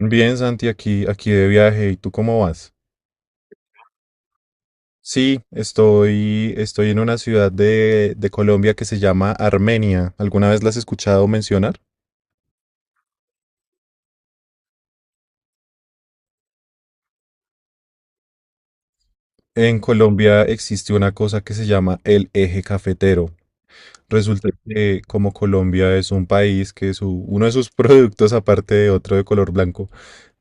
Bien, Santi, aquí de viaje. ¿Y tú cómo vas? Sí, estoy en una ciudad de Colombia que se llama Armenia. ¿Alguna vez la has escuchado mencionar? En Colombia existe una cosa que se llama el eje cafetero. Resulta que como Colombia es un país uno de sus productos, aparte de otro de color blanco,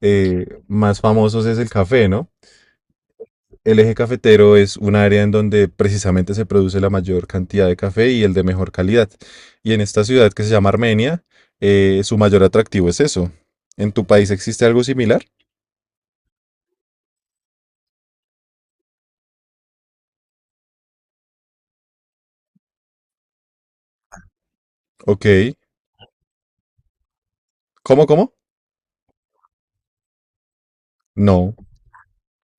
más famosos es el café, ¿no? El eje cafetero es un área en donde precisamente se produce la mayor cantidad de café y el de mejor calidad. Y en esta ciudad que se llama Armenia, su mayor atractivo es eso. ¿En tu país existe algo similar? Ok. ¿Cómo, cómo? No.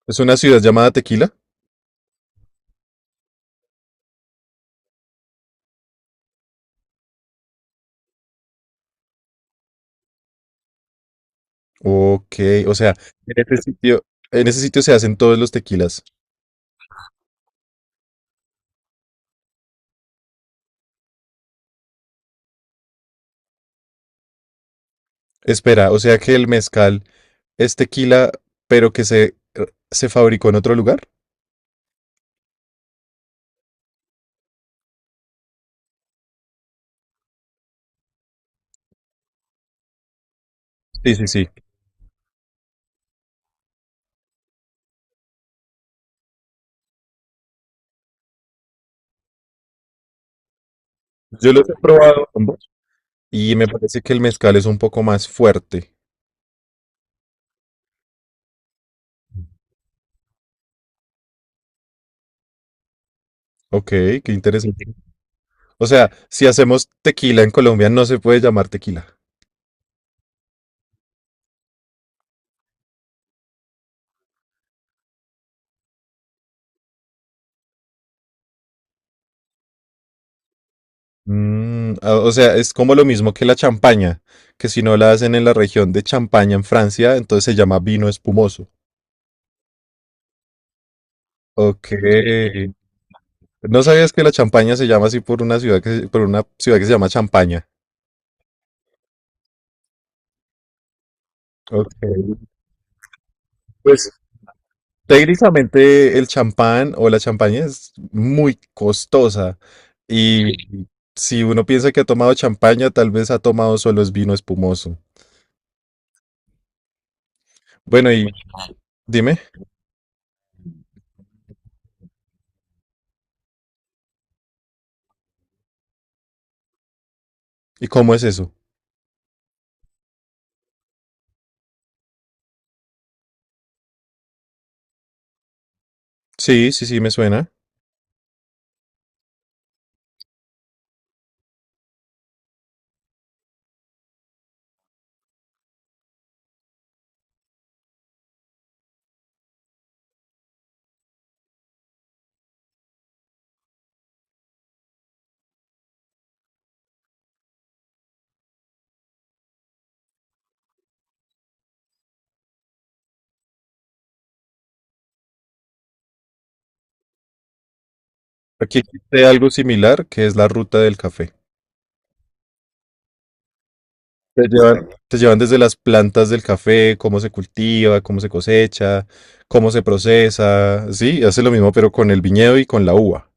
¿Es una ciudad llamada Tequila? Ok. O sea, en ese sitio, en ese sitio se hacen todos los tequilas. Espera, o sea que el mezcal es tequila, pero que se fabricó en otro lugar. Sí, sí, sí. Yo los he probado ambos y me parece que el mezcal es un poco más fuerte. Ok, qué interesante. O sea, si hacemos tequila en Colombia no se puede llamar tequila. Mm, ah, o sea, es como lo mismo que la champaña, que si no la hacen en la región de Champaña en Francia, entonces se llama vino espumoso. Ok. ¿No sabías que la champaña se llama así por una ciudad por una ciudad que se llama Champaña? Ok. Pues técnicamente el champán o la champaña es muy costosa y sí, si uno piensa que ha tomado champaña, tal vez ha tomado solo es vino espumoso. Bueno, y dime, ¿y cómo es eso? Sí, sí, sí, me suena. Aquí existe algo similar que es la ruta del café. Te llevan desde las plantas del café, cómo se cultiva, cómo se cosecha, cómo se procesa. Sí, hace lo mismo, pero con el viñedo y con la uva.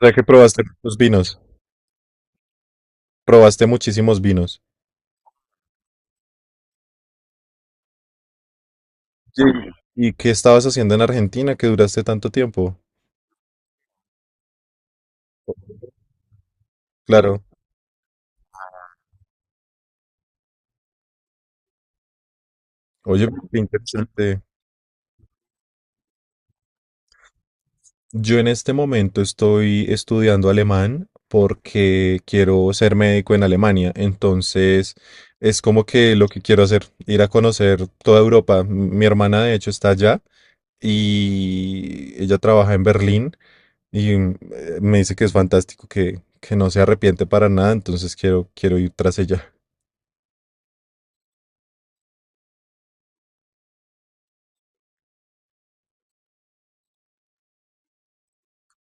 O sea que probaste muchos vinos, probaste muchísimos vinos. Sí. ¿Y qué estabas haciendo en Argentina que duraste tanto tiempo? Claro. Oye, qué interesante. Yo en este momento estoy estudiando alemán porque quiero ser médico en Alemania. Entonces, es como que lo que quiero hacer, ir a conocer toda Europa. Mi hermana, de hecho, está allá y ella trabaja en Berlín y me dice que es fantástico, que no se arrepiente para nada. Entonces, quiero ir tras ella.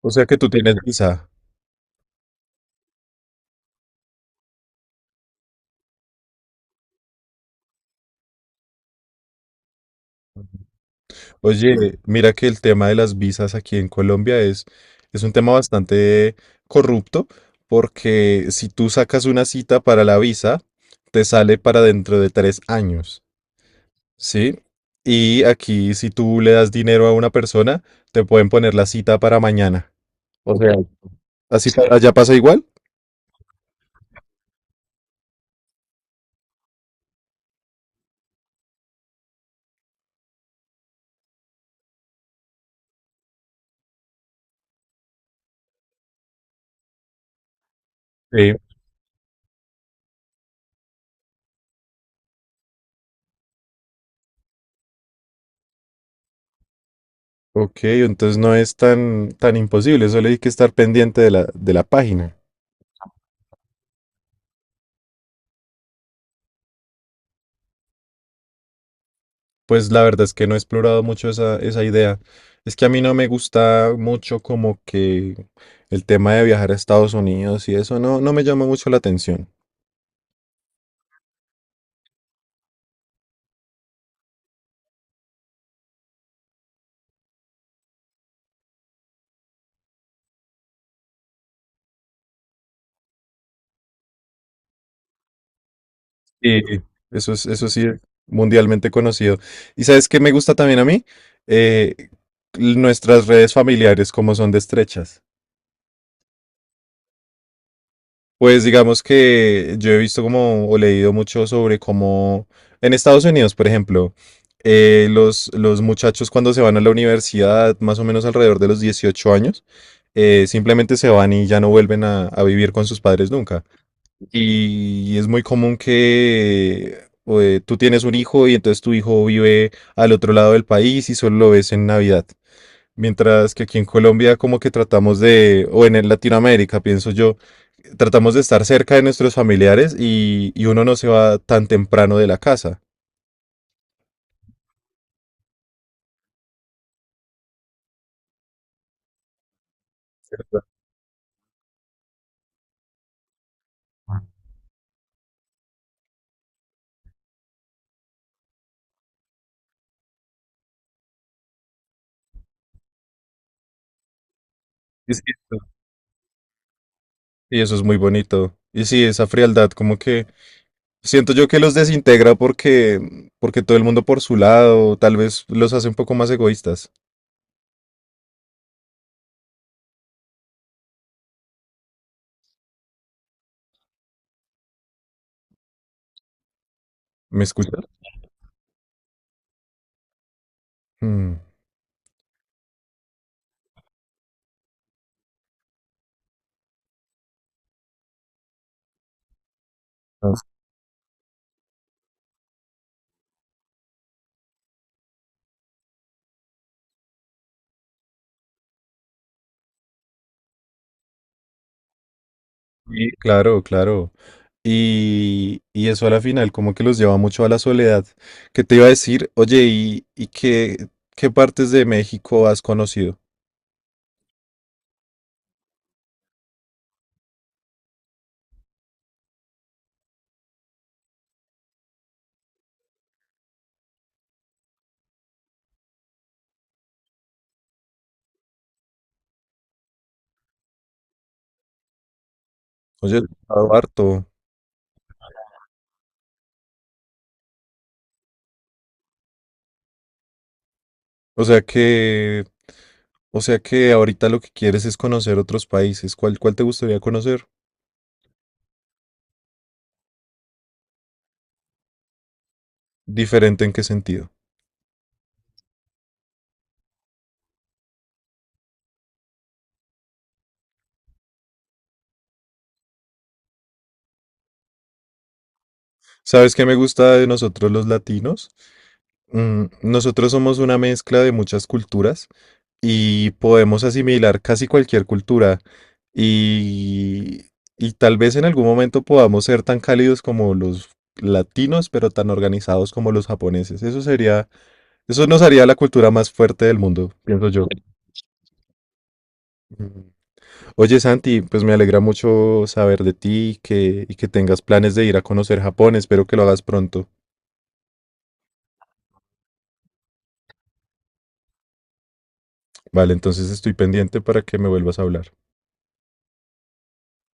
O sea que tú tienes visa. Oye, mira que el tema de las visas aquí en Colombia es un tema bastante corrupto, porque si tú sacas una cita para la visa, te sale para dentro de tres años, ¿sí? Y aquí si tú le das dinero a una persona, te pueden poner la cita para mañana. ¿Así, sí, allá pasa igual? Sí. Ok, entonces no es tan imposible, solo hay que estar pendiente de la página. Pues la verdad es que no he explorado mucho esa idea. Es que a mí no me gusta mucho como que el tema de viajar a Estados Unidos y eso no, no me llama mucho la atención. Sí. Eso es, eso sí, mundialmente conocido. ¿Y sabes qué me gusta también a mí? Eh, nuestras redes familiares, como son de estrechas. Pues digamos que yo he visto como o leído mucho sobre cómo en Estados Unidos, por ejemplo, los muchachos cuando se van a la universidad, más o menos alrededor de los 18 años, simplemente se van y ya no vuelven a vivir con sus padres nunca. Y es muy común que tú tienes un hijo y entonces tu hijo vive al otro lado del país y solo lo ves en Navidad. Mientras que aquí en Colombia como que tratamos de, o en el Latinoamérica, pienso yo, tratamos de estar cerca de nuestros familiares y uno no se va tan temprano de la casa. Y sí, eso y eso es muy bonito. Y sí, esa frialdad como que siento yo que los desintegra porque todo el mundo por su lado, tal vez los hace un poco más egoístas. ¿Me escuchas? Mm, ah, sí, claro, claro. Y eso a la final como que los lleva mucho a la soledad. ¿Qué te iba a decir? Oye, ¿y qué partes de México has conocido? Oye, he estado harto. O sea que, o sea que ahorita lo que quieres es conocer otros países. ¿Cuál, cuál te gustaría conocer? ¿Diferente en qué sentido? ¿Sabes qué me gusta de nosotros los latinos? Mm, nosotros somos una mezcla de muchas culturas y podemos asimilar casi cualquier cultura y, y tal vez en algún momento podamos ser tan cálidos como los latinos, pero tan organizados como los japoneses. Eso sería, eso nos haría la cultura más fuerte del mundo, pienso yo. Oye, Santi, pues me alegra mucho saber de ti y que tengas planes de ir a conocer Japón. Espero que lo hagas pronto. Vale, entonces estoy pendiente para que me vuelvas a hablar.